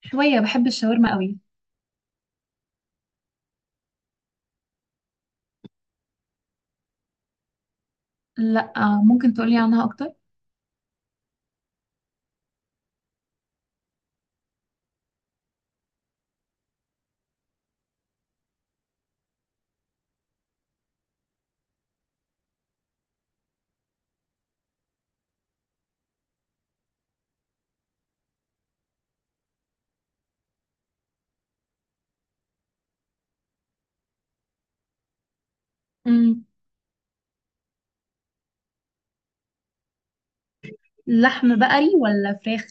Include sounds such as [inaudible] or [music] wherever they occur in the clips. شوية بحب الشاورما قوي. لا. ممكن تقولي عنها أكتر؟ امم. لحم بقري ولا فراخ؟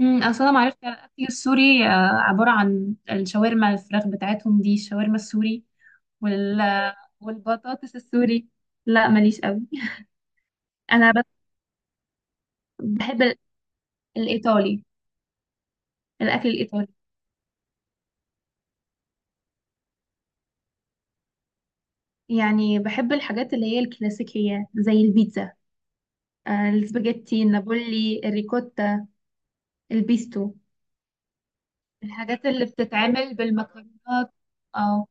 أصل أنا معرفتي على الأكل السوري، عبارة عن الشاورما. الفراخ بتاعتهم دي الشاورما السوري وال... والبطاطس السوري. لا ماليش قوي. [laughs] انا بحب الايطالي، الاكل الايطالي. يعني بحب الحاجات اللي هي الكلاسيكيه زي البيتزا، السباجيتي النابولي الريكوتا البيستو، الحاجات اللي بتتعمل بالمكرونات. اه.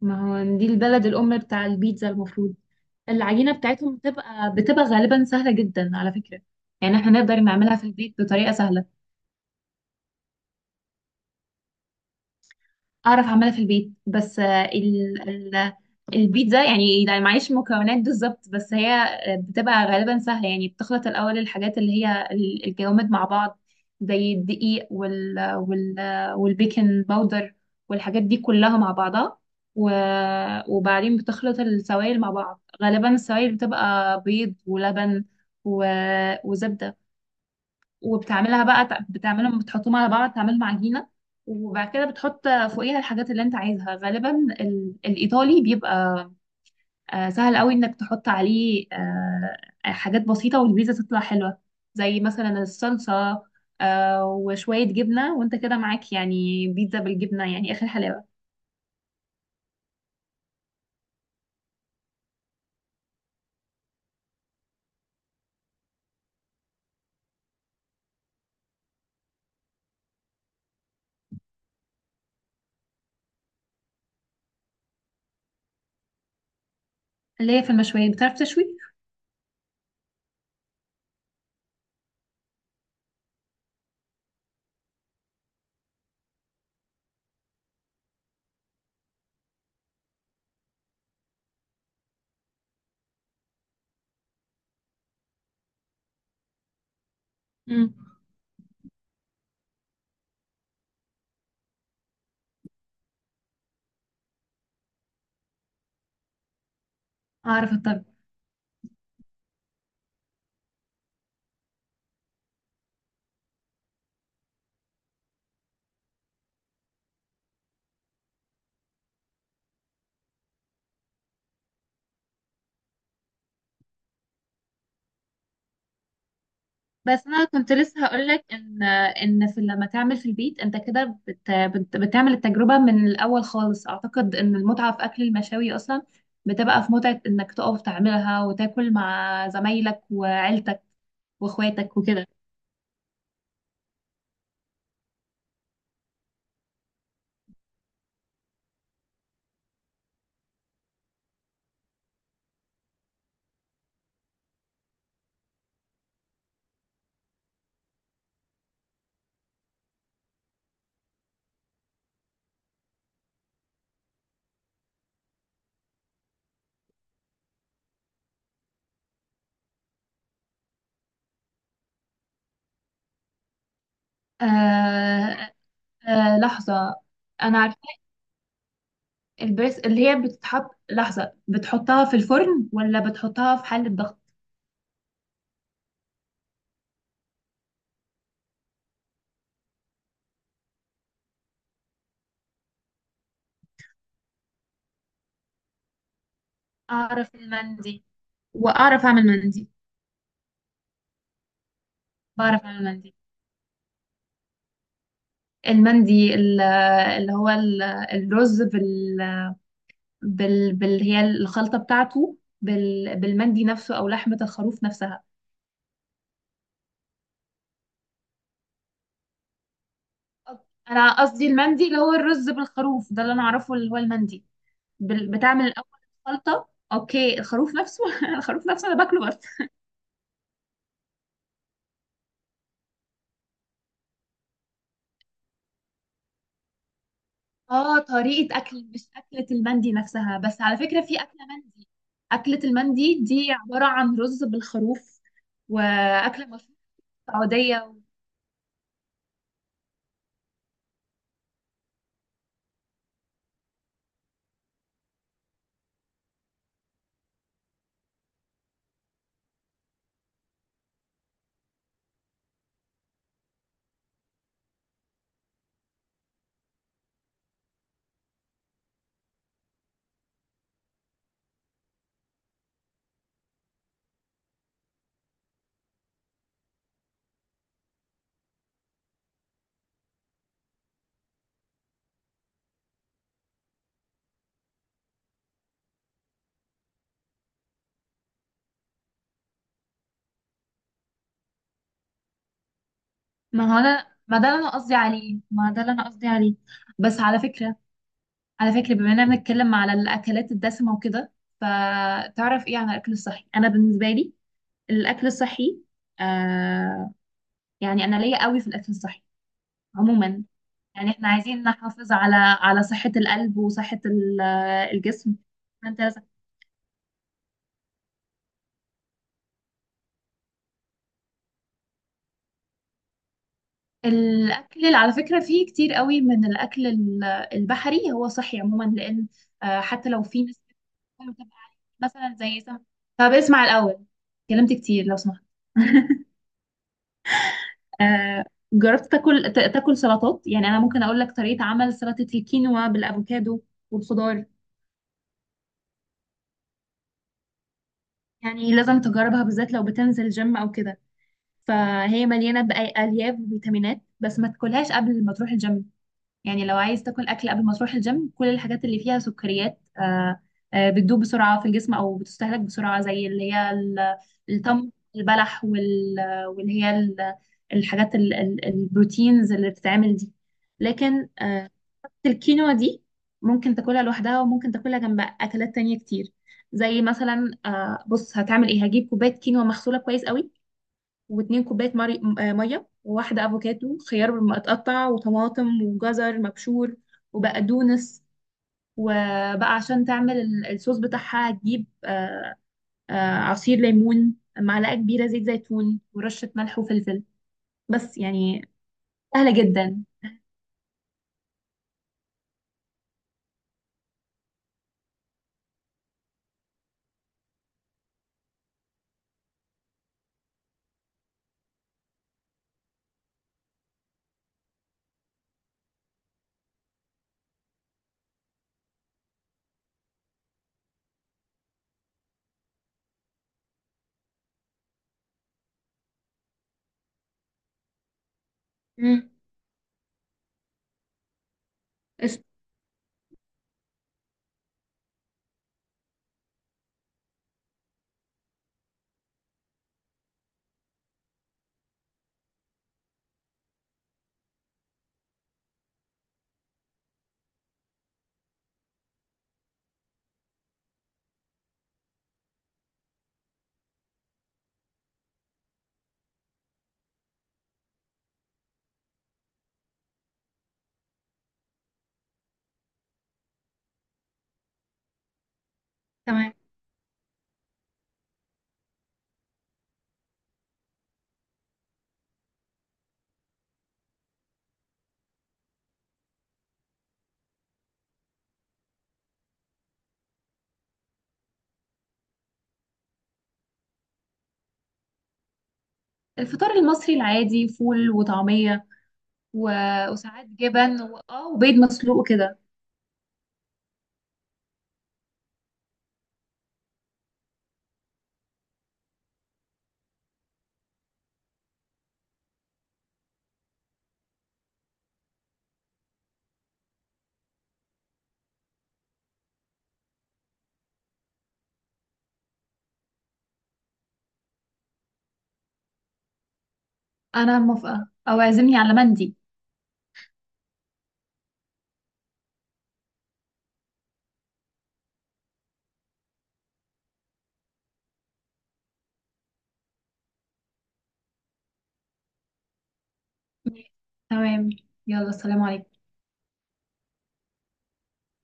ما هو دي البلد الأم بتاع البيتزا المفروض. العجينة بتاعتهم بتبقى غالبا سهلة جدا على فكرة. يعني احنا نقدر نعملها في البيت بطريقة سهلة. اعرف اعملها في البيت، بس البيتزا يعني لا معيش مكونات بالظبط، بس هي بتبقى غالبا سهله. يعني بتخلط الاول الحاجات اللي هي الجوامد مع بعض زي الدقيق والبيكنج باودر والحاجات دي كلها مع بعضها. و... وبعدين بتخلط السوائل مع بعض، غالبا السوائل بتبقى بيض ولبن و... وزبدة، وبتعملها بقى، بتعملهم، بتحطهم على بعض تعملهم عجينة. وبعد كده بتحط فوقيها الحاجات اللي انت عايزها. غالبا الإيطالي بيبقى سهل قوي انك تحط عليه حاجات بسيطة والبيتزا تطلع حلوة، زي مثلا الصلصة، وشوية جبنة، وانت كده معاك يعني بيتزا بالجبنة، يعني آخر حلاوة. اللي هي في المشويات، بتعرف تشوي؟ مم. أعرف أطبخ. بس انا كنت لسه هقولك ان في، لما تعمل في البيت انت كده بت بت بتعمل التجربه من الاول خالص. اعتقد ان المتعه في اكل المشاوي اصلا بتبقى في متعه انك تقف تعملها وتاكل مع زمايلك وعيلتك واخواتك وكده. آه. آه، لحظه. انا عارفه البريس، اللي هي بتتحط، لحظه، بتحطها في الفرن ولا بتحطها في حله ضغط؟ اعرف المندي واعرف اعمل مندي. بعرف اعمل مندي. المندي اللي هو ال- الرز بال بال بال هي الخلطة بتاعته، بالمندي نفسه أو لحمة الخروف نفسها. أنا قصدي المندي اللي هو الرز بالخروف، ده اللي أنا أعرفه اللي هو المندي. بتعمل الأول الخلطة، أوكي، الخروف نفسه، [laughs] الخروف نفسه أنا باكله برضه. اه، طريقة أكل مش أكلة. المندي نفسها بس، على فكرة، في أكلة مندي. أكلة المندي دي عبارة عن رز بالخروف، وأكلة مشهورة سعودية. ما هو انا، ما ده اللي انا قصدي عليه، ما ده اللي انا قصدي عليه. بس على فكرة بما اننا بنتكلم على الاكلات الدسمة وكده، فتعرف ايه عن الاكل الصحي؟ انا بالنسبة لي الاكل الصحي، آه، يعني انا ليا قوي في الاكل الصحي عموما. يعني احنا عايزين نحافظ على صحة القلب وصحة الجسم. فانت، الأكل على فكرة فيه كتير قوي من البحري، هو صحي عموما، لأن حتى لو في ناس بتبقى عليه مثلا زي سم. طب اسمع الأول، كلمت كتير لو سمحت. [laughs] آه، جربت تاكل تاكل سلطات؟ يعني أنا ممكن أقول لك طريقة عمل سلطة الكينوا بالأفوكادو والخضار. يعني لازم تجربها، بالذات لو بتنزل جيم أو كده، فهي مليانة بألياف وفيتامينات. بس ما تاكلهاش قبل ما تروح الجيم. يعني لو عايز تاكل اكل قبل ما تروح الجيم، كل الحاجات اللي فيها سكريات، بتدوب بسرعه في الجسم او بتستهلك بسرعه، زي اللي هي التمر البلح الحاجات البروتينز اللي بتتعمل دي. لكن الكينوا دي ممكن تاكلها لوحدها وممكن تاكلها جنب اكلات تانية كتير، زي مثلا، بص هتعمل ايه. هجيب كوبايه كينوا مغسوله كويس قوي، واتنين كوباية مري... م- آه، مية، و1 أفوكادو، خيار متقطع وطماطم وجزر مبشور وبقدونس. وبقى عشان تعمل الصوص بتاعها، هتجيب عصير ليمون، معلقة كبيرة زيت زيتون، ورشة ملح وفلفل. بس يعني سهلة جدا. امم قشطة. تمام. الفطار المصري العادي، فول وطعمية و... وساعات جبن اه، وبيض مسلوق كده. أنا موافقة، أو اعزمني على مندي. تمام. يلا السلام عليكم.